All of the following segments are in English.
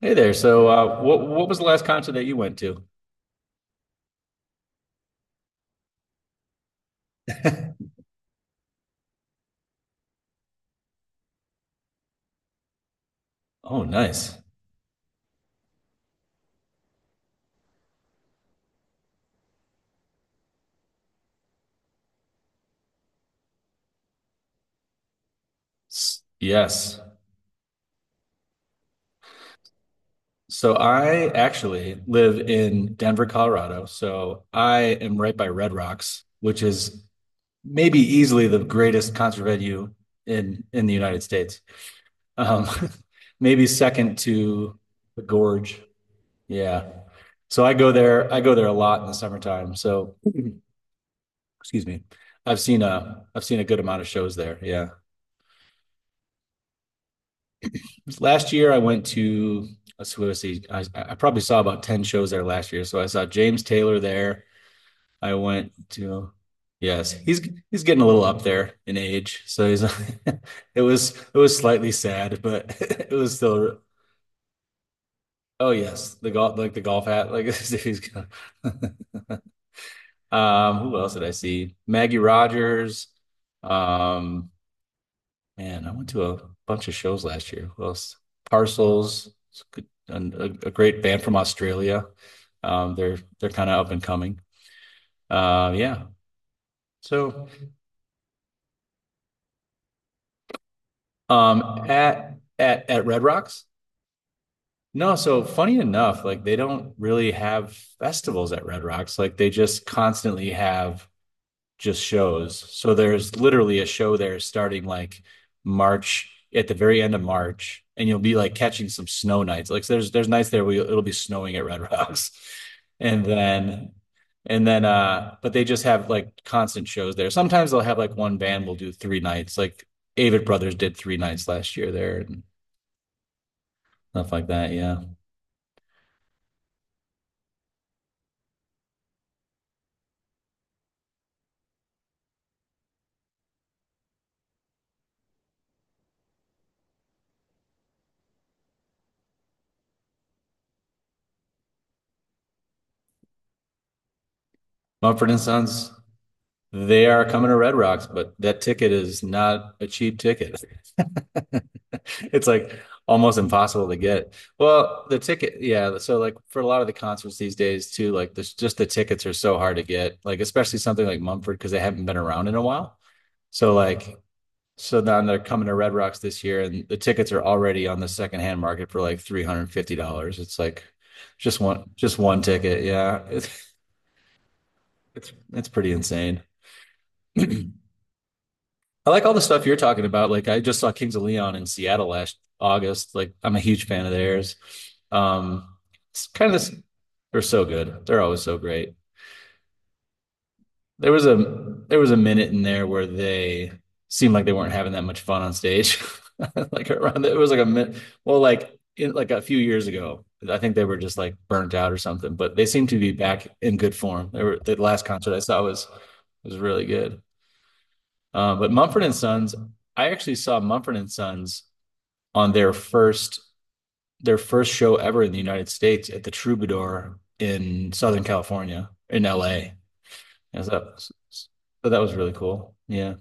Hey there. So what was the last concert that you went to? Oh, nice. S- Yes. So I actually live in Denver, Colorado. So I am right by Red Rocks, which is maybe easily the greatest concert venue in the United States. Um, maybe second to the Gorge. Yeah. So I go there. I go there a lot in the summertime. So, excuse me. I've seen a good amount of shows there. Yeah. Last year I went to, let's see, I probably saw about 10 shows there last year. So I saw James Taylor there. I went to, yes, he's getting a little up there in age. So he's, it was slightly sad, but it was still oh yes, the golf, like the golf hat, like he's gonna who else did I see? Maggie Rogers, um man, I went to a bunch of shows last year. Who else? Parcels, it's good- and a great band from Australia. They're kind of up and coming. Yeah. So um, at Red Rocks? No. So funny enough, like they don't really have festivals at Red Rocks. Like they just constantly have just shows. So there's literally a show there starting like March, at the very end of March, and you'll be like catching some snow nights. Like so there's nights there where it'll be snowing at Red Rocks, and then but they just have like constant shows there. Sometimes they'll have like one band will do three nights. Like Avid Brothers did three nights last year there and stuff like that. Yeah. Mumford and Sons. They are coming to Red Rocks, but that ticket is not a cheap ticket. It's like almost impossible to get. Well, the ticket, yeah. So like for a lot of the concerts these days too, like this just the tickets are so hard to get. Like especially something like Mumford because they haven't been around in a while. So like so now they're coming to Red Rocks this year and the tickets are already on the secondhand market for like $350. It's like just one ticket. Yeah. It's pretty insane. I like all the stuff you're talking about. Like I just saw Kings of Leon in Seattle last August. Like I'm a huge fan of theirs. Um, it's kind of this, they're so good. They're always so great. There was a minute in there where they seemed like they weren't having that much fun on stage. Like around the, it was like a minute. Well, like in, like a few years ago, I think they were just like burnt out or something. But they seem to be back in good form. They were the last concert I saw was really good. But Mumford and Sons, I actually saw Mumford and Sons on their first show ever in the United States at the Troubadour in Southern California, in LA. And so that was really cool. Yeah.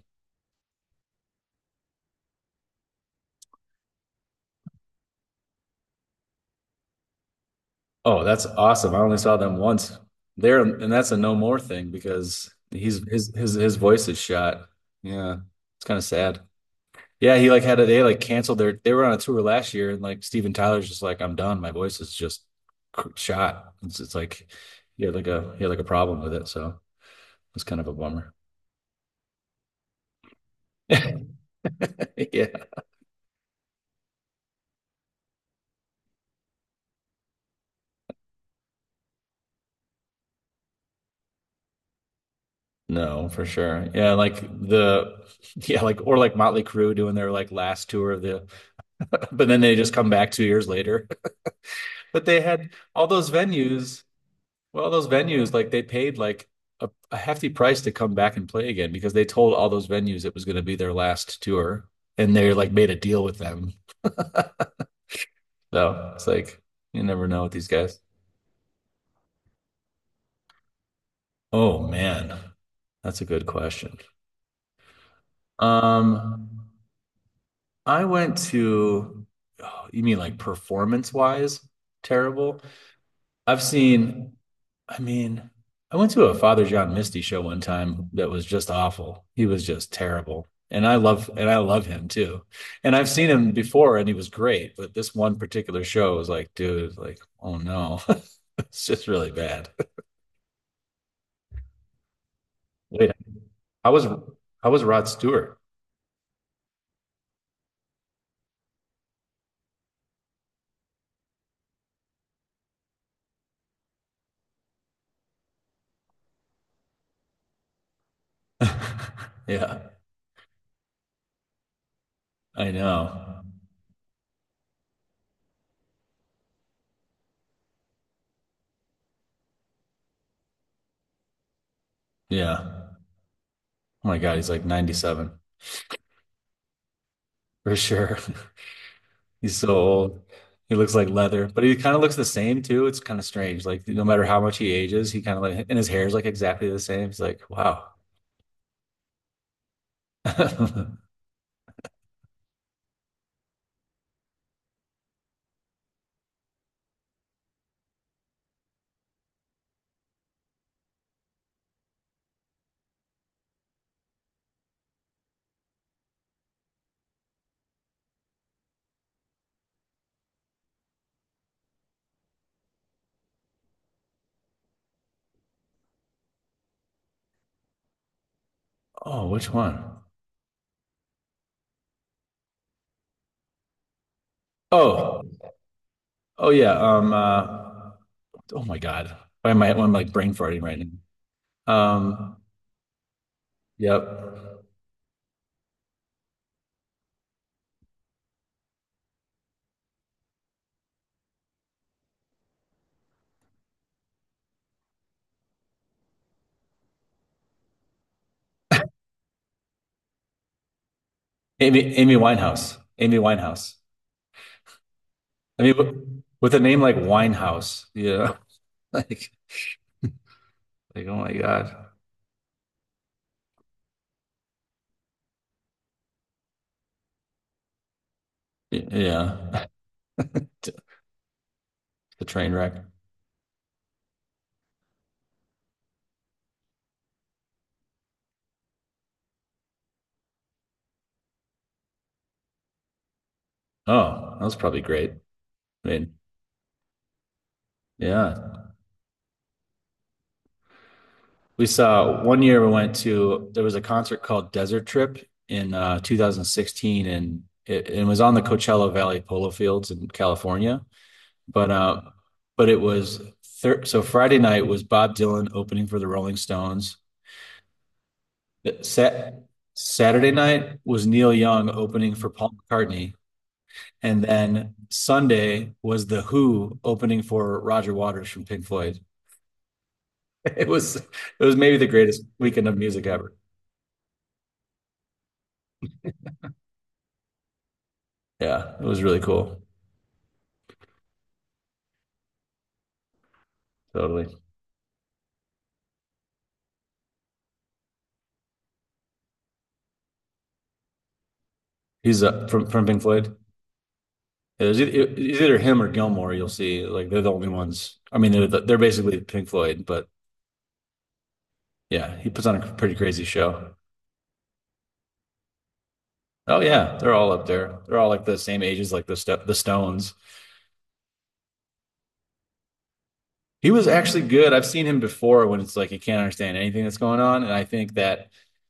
Oh, that's awesome. I only saw them once. There, and that's a no more thing because he's his voice is shot. Yeah. It's kind of sad. Yeah, he like had a they like canceled their they were on a tour last year and like Steven Tyler's just like I'm done. My voice is just cr- shot. It's like he had like a problem with it, so it's kind of a bummer. Yeah. No, for sure. Yeah, like the yeah, like or like Motley Crue doing their like last tour of the but then they just come back 2 years later. But they had all those venues, well, those venues, like they paid like a hefty price to come back and play again because they told all those venues it was going to be their last tour, and they like made a deal with them. So it's like you never know with these guys. Oh man, that's a good question. Um, I went to, oh, you mean like performance wise, terrible? I've seen, I mean, I went to a Father John Misty show one time that was just awful. He was just terrible. And I love him too. And I've seen him before and he was great, but this one particular show was like, dude, like, oh no. It's just really bad. Wait, I was I was Rod Stewart? Yeah, I know. Yeah. Oh my God, he's like 97 for sure. He's so old. He looks like leather, but he kind of looks the same too. It's kind of strange. Like no matter how much he ages, he kind of like and his hair is like exactly the same. It's like, wow. Oh, which one? Oh, oh yeah. Oh my God. Why am I? I'm like brain farting right now. Yep. Amy. Amy Winehouse. Amy Winehouse. I mean, w- with a name like Winehouse, yeah. Like, like, oh my God. Y- Yeah. The train wreck. Oh, that was probably great. I mean, yeah. We saw one year we went to, there was a concert called Desert Trip in 2016, and it was on the Coachella Valley Polo Fields in California. But uh, but it was thir So Friday night was Bob Dylan opening for the Rolling Stones. Sat Saturday night was Neil Young opening for Paul McCartney, and then Sunday was The Who opening for Roger Waters from Pink Floyd. It was maybe the greatest weekend of music ever. Yeah, it was really cool. Totally. He's from Pink Floyd. It was either him or Gilmore. You'll see, like they're the only ones. I mean, they're basically Pink Floyd, but yeah, he puts on a pretty crazy show. Oh yeah, they're all up there. They're all like the same ages, like the st the Stones. He was actually good. I've seen him before when it's like he can't understand anything that's going on, and I think that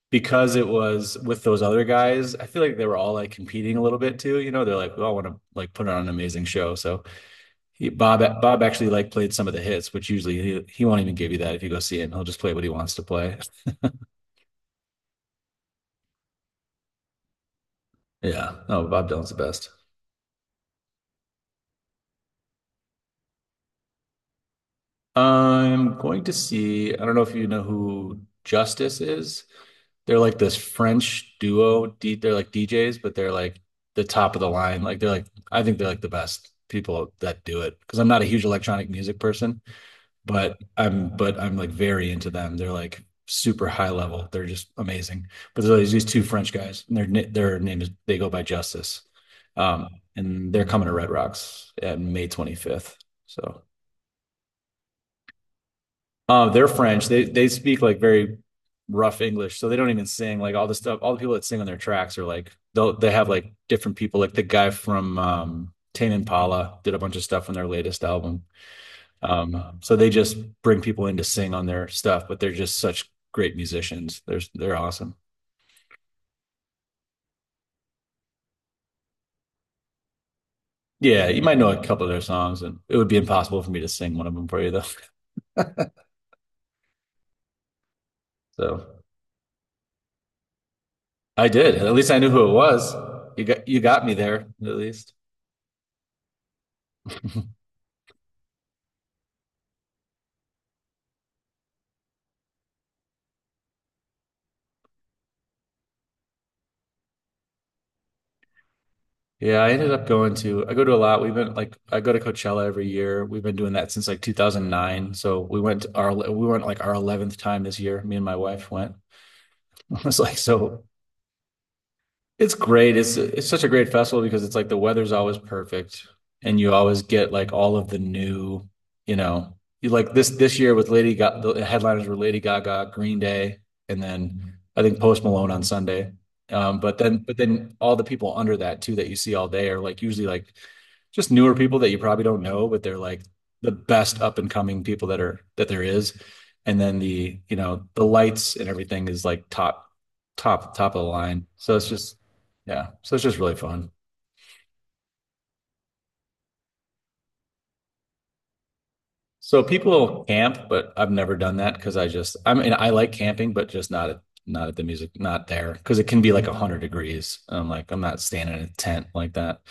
because it was with those other guys, I feel like they were all like competing a little bit too. You know, they're like, we all want to like put on an amazing show, so he, Bob actually like played some of the hits, which usually he won't even give you that if you go see him. He'll just play what he wants to play. Yeah. No, Bob Dylan's the best. I'm going to see. I don't know if you know who Justice is. They're like this French duo. D, they're like DJs, but they're like the top of the line. Like they're like I think they're like the best people that do it because I'm not a huge electronic music person, but I'm like very into them. They're like super high level. They're just amazing. But so there's these two French guys, and their name is they go by Justice, um, and they're coming to Red Rocks at May 25th. So they're French. They speak like very rough English, so they don't even sing. Like all the stuff, all the people that sing on their tracks are like they'll they have like different people. Like the guy from Tame Impala did a bunch of stuff on their latest album. So they just bring people in to sing on their stuff, but they're just such great musicians. They're awesome. Yeah, you might know a couple of their songs, and it would be impossible for me to sing one of them for you though. So I did. At least I knew who it was. You got me there at least. Yeah, I ended up going to I go to a lot. We've been like I go to Coachella every year. We've been doing that since like 2009. So we went to our we went like our 11th time this year. Me and my wife went. I was like so it's great. It's such a great festival because it's like the weather's always perfect and you always get like all of the new, you know, you like this year with Lady Gaga, the headliners were Lady Gaga, Green Day, and then I think Post Malone on Sunday. But then all the people under that too that you see all day are like usually like just newer people that you probably don't know, but they're like the best up and coming people that are that there is. And then the, you know, the lights and everything is like top top of the line. So it's just yeah. So it's just really fun. So people camp, but I've never done that because I just, I mean, I like camping, but just not at, not at the music, not there because it can be like 100 degrees. I'm like, I'm not staying in a tent like that.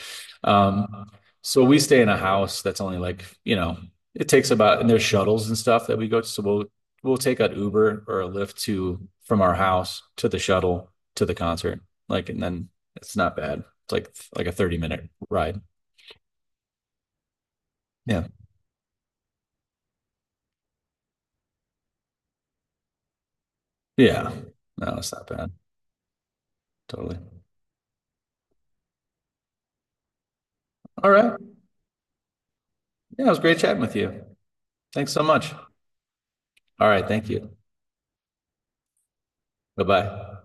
Um, so we stay in a house that's only like, you know, it takes about, and there's shuttles and stuff that we go to. So we'll take an Uber or a Lyft to, from our house to the shuttle to the concert. Like, and then it's not bad. It's like a 30-minute ride. Yeah. Yeah. No, it's not bad. Totally. All right. Yeah, it was great chatting with you. Thanks so much. All right. Thank you. Bye bye.